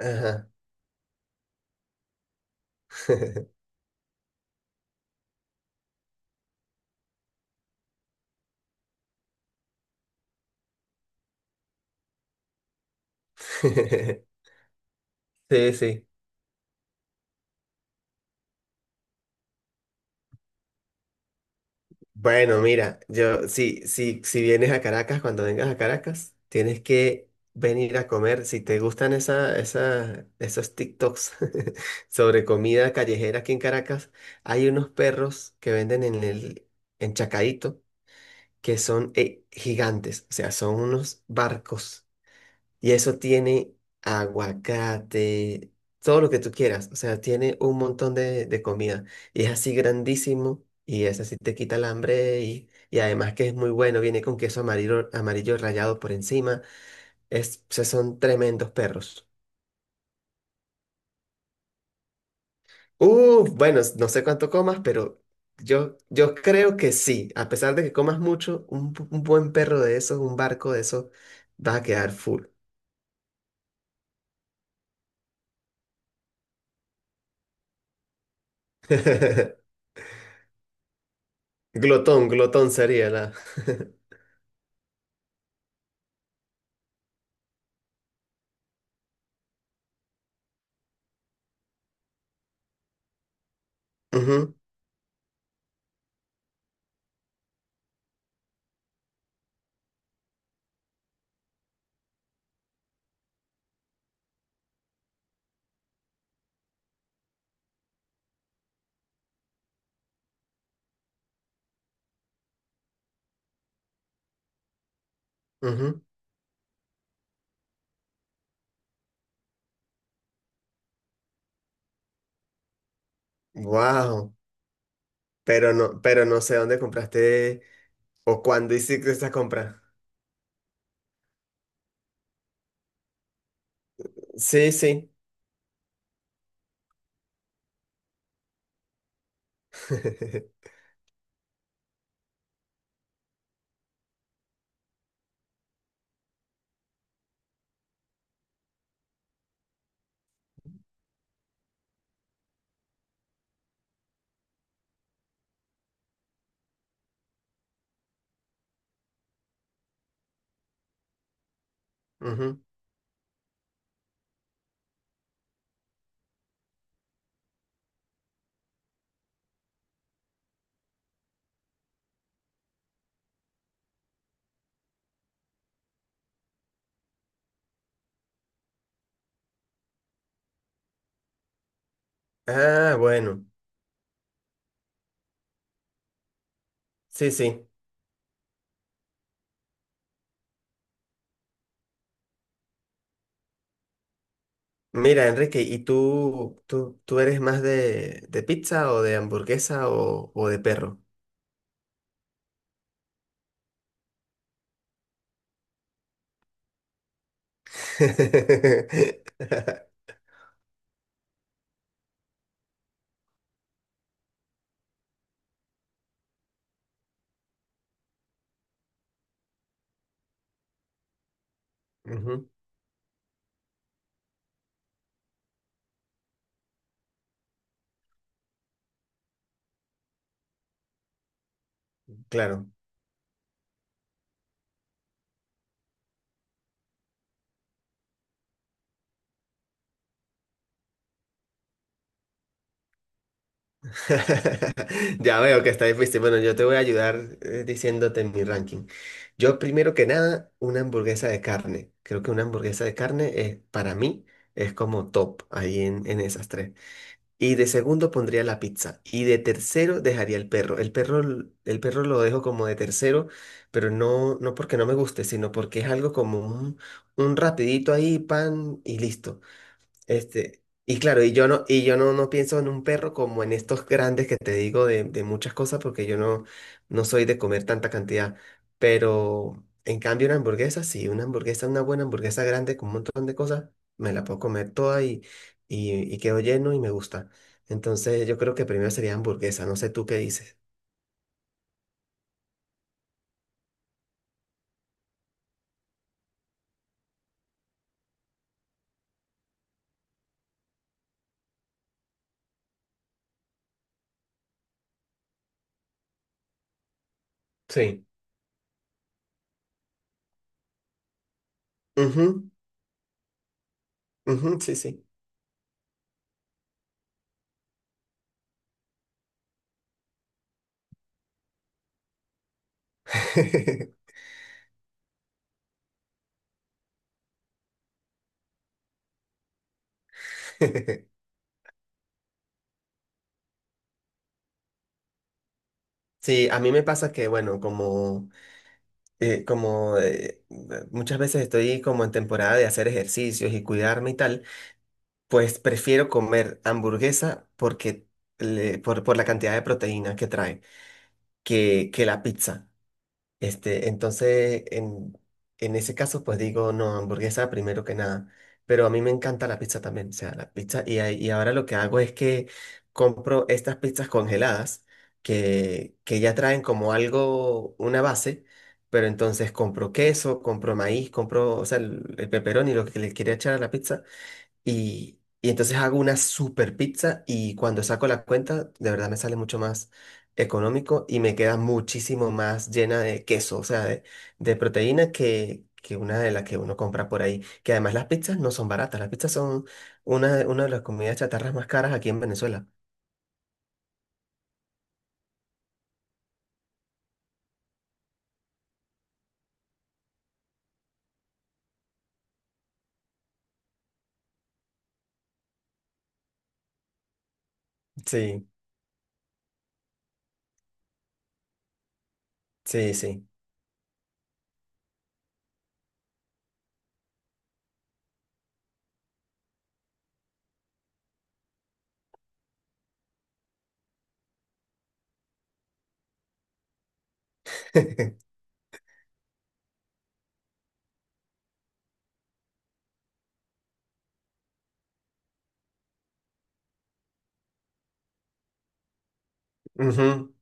Ajá. Sí, sí. Bueno, mira, yo, si, si, si vienes a Caracas, cuando vengas a Caracas, tienes que venir a comer. Si te gustan esa, esa, esos TikToks sobre comida callejera aquí en Caracas, hay unos perros que venden en Chacaíto que son gigantes, o sea, son unos barcos. Y eso tiene aguacate, todo lo que tú quieras. O sea, tiene un montón de comida. Y es así grandísimo. Y es así, te quita el hambre. Y además que es muy bueno. Viene con queso amarillo, amarillo rallado por encima. O sea, son tremendos perros. Bueno, no sé cuánto comas, pero yo creo que sí. A pesar de que comas mucho, un buen perro de esos, un barco de esos, va a quedar full. Glotón, glotón sería la. Ujú. Wow. Pero no sé dónde compraste o cuándo hiciste esta compra. Sí, sí. Ujú. Ah, bueno. Sí, sí. Mira, Enrique, ¿y tú eres más de pizza o de hamburguesa o de perro? Ujú. Claro. Ya veo que está difícil. Bueno, yo te voy a ayudar diciéndote mi ranking. Yo primero que nada, una hamburguesa de carne. Creo que una hamburguesa de carne para mí es como top ahí en esas tres. Y de segundo pondría la pizza. Y de tercero dejaría el perro. El perro lo dejo como de tercero, pero no, no porque no me guste, sino porque es algo como un rapidito ahí, pan y listo. Este, y claro, y yo no, no pienso en un perro como en estos grandes que te digo de muchas cosas, porque yo no, no soy de comer tanta cantidad. Pero en cambio una hamburguesa, sí, una hamburguesa, una buena hamburguesa grande con un montón de cosas, me la puedo comer toda y quedo lleno y me gusta. Entonces yo creo que primero sería hamburguesa, no sé tú qué dices. Sí. Ujú, ujú, sí, sí. Sí, a mí me pasa que, bueno, como muchas veces estoy como en temporada de hacer ejercicios y cuidarme y tal, pues prefiero comer hamburguesa porque por la cantidad de proteína que trae que la pizza. Este, entonces, en ese caso, pues digo, no, hamburguesa primero que nada. Pero a mí me encanta la pizza también, o sea, la pizza. Y ahora lo que hago es que compro estas pizzas congeladas que ya traen como algo, una base, pero entonces compro queso, compro maíz, compro, o sea, el pepperoni, lo que le quiera echar a la pizza. Y entonces hago una super pizza y cuando saco la cuenta, de verdad me sale mucho más económico y me queda muchísimo más llena de queso, o sea, de proteína que una de las que uno compra por ahí. Que además las pizzas no son baratas, las pizzas son una de las comidas chatarras más caras aquí en Venezuela. Sí, sí, sí. Ujú,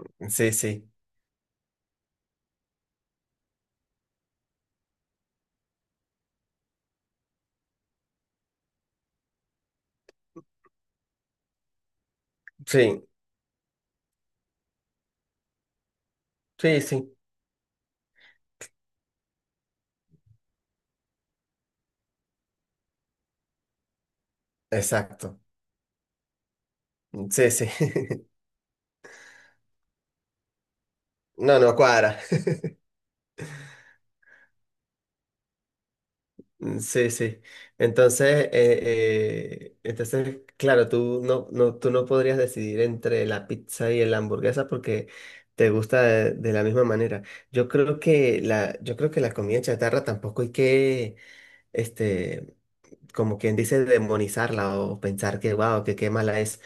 ujú. Sí, sí, sí, sí, sí, exacto. Sí, sí. No, no cuadra. Sí, sí. Entonces, claro, tú no podrías decidir entre la pizza y la hamburguesa porque te gusta de la misma manera. Yo creo que la comida chatarra tampoco hay que, este, como quien dice, demonizarla o pensar que, wow, que qué mala es.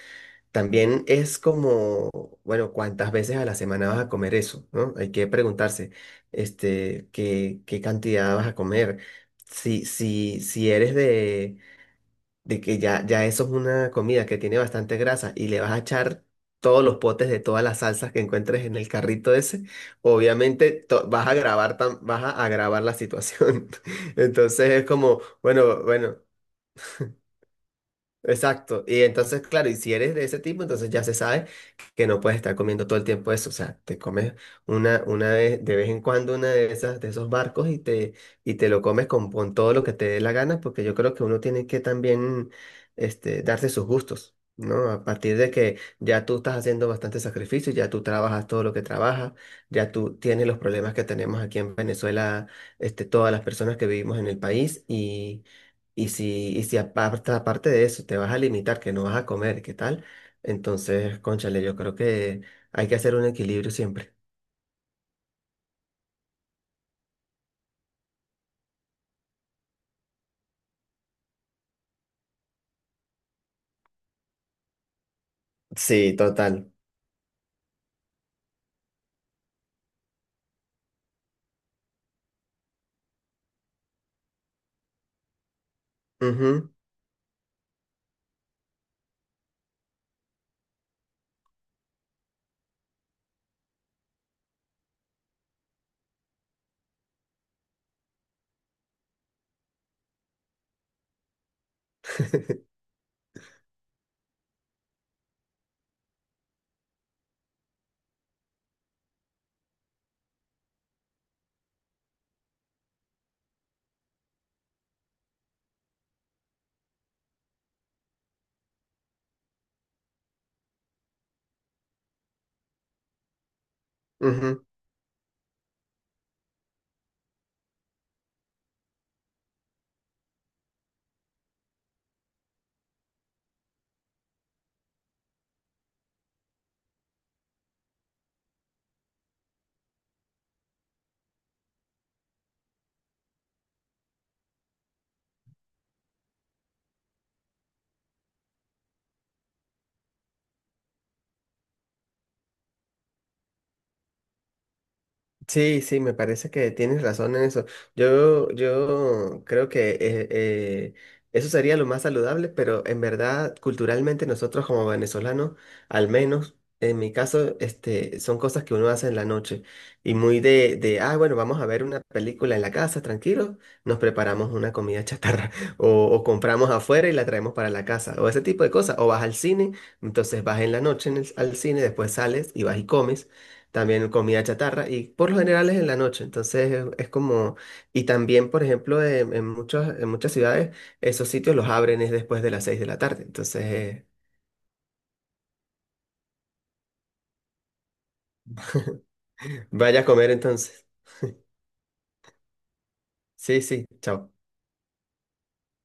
También es como, bueno, cuántas veces a la semana vas a comer eso, ¿no? Hay que preguntarse, este, qué cantidad vas a comer. Si eres de que ya eso es una comida que tiene bastante grasa y le vas a echar todos los potes de todas las salsas que encuentres en el carrito ese, obviamente vas a agravar la situación. Entonces es como, bueno, bueno. Exacto. Y entonces, claro, y si eres de ese tipo, entonces ya se sabe que no puedes estar comiendo todo el tiempo eso. O sea, te comes una vez, de vez en cuando una de esas, de esos barcos y te, lo comes con todo lo que te dé la gana, porque yo creo que uno tiene que también, este, darse sus gustos, ¿no? A partir de que ya tú estás haciendo bastante sacrificio, ya tú trabajas todo lo que trabajas, ya tú tienes los problemas que tenemos aquí en Venezuela, este, todas las personas que vivimos en el país y si aparte de eso te vas a limitar, que no vas a comer, ¿qué tal? Entonces, cónchale, yo creo que hay que hacer un equilibrio siempre. Sí, total. Ujú, ujú. Sí, sí, me parece que tienes razón en eso. Yo creo que eso sería lo más saludable, pero en verdad, culturalmente nosotros como venezolanos, al menos en mi caso, este, son cosas que uno hace en la noche y muy ah, bueno, vamos a ver una película en la casa, tranquilo, nos preparamos una comida chatarra o compramos afuera y la traemos para la casa o ese tipo de cosas, o vas al cine, entonces vas en la noche al cine, después sales y vas y comes. También comida chatarra y por lo general es en la noche, entonces es como, y también por ejemplo en muchas ciudades esos sitios los abren es después de las 6 de la tarde, entonces vaya a comer entonces. Sí, sí, chao.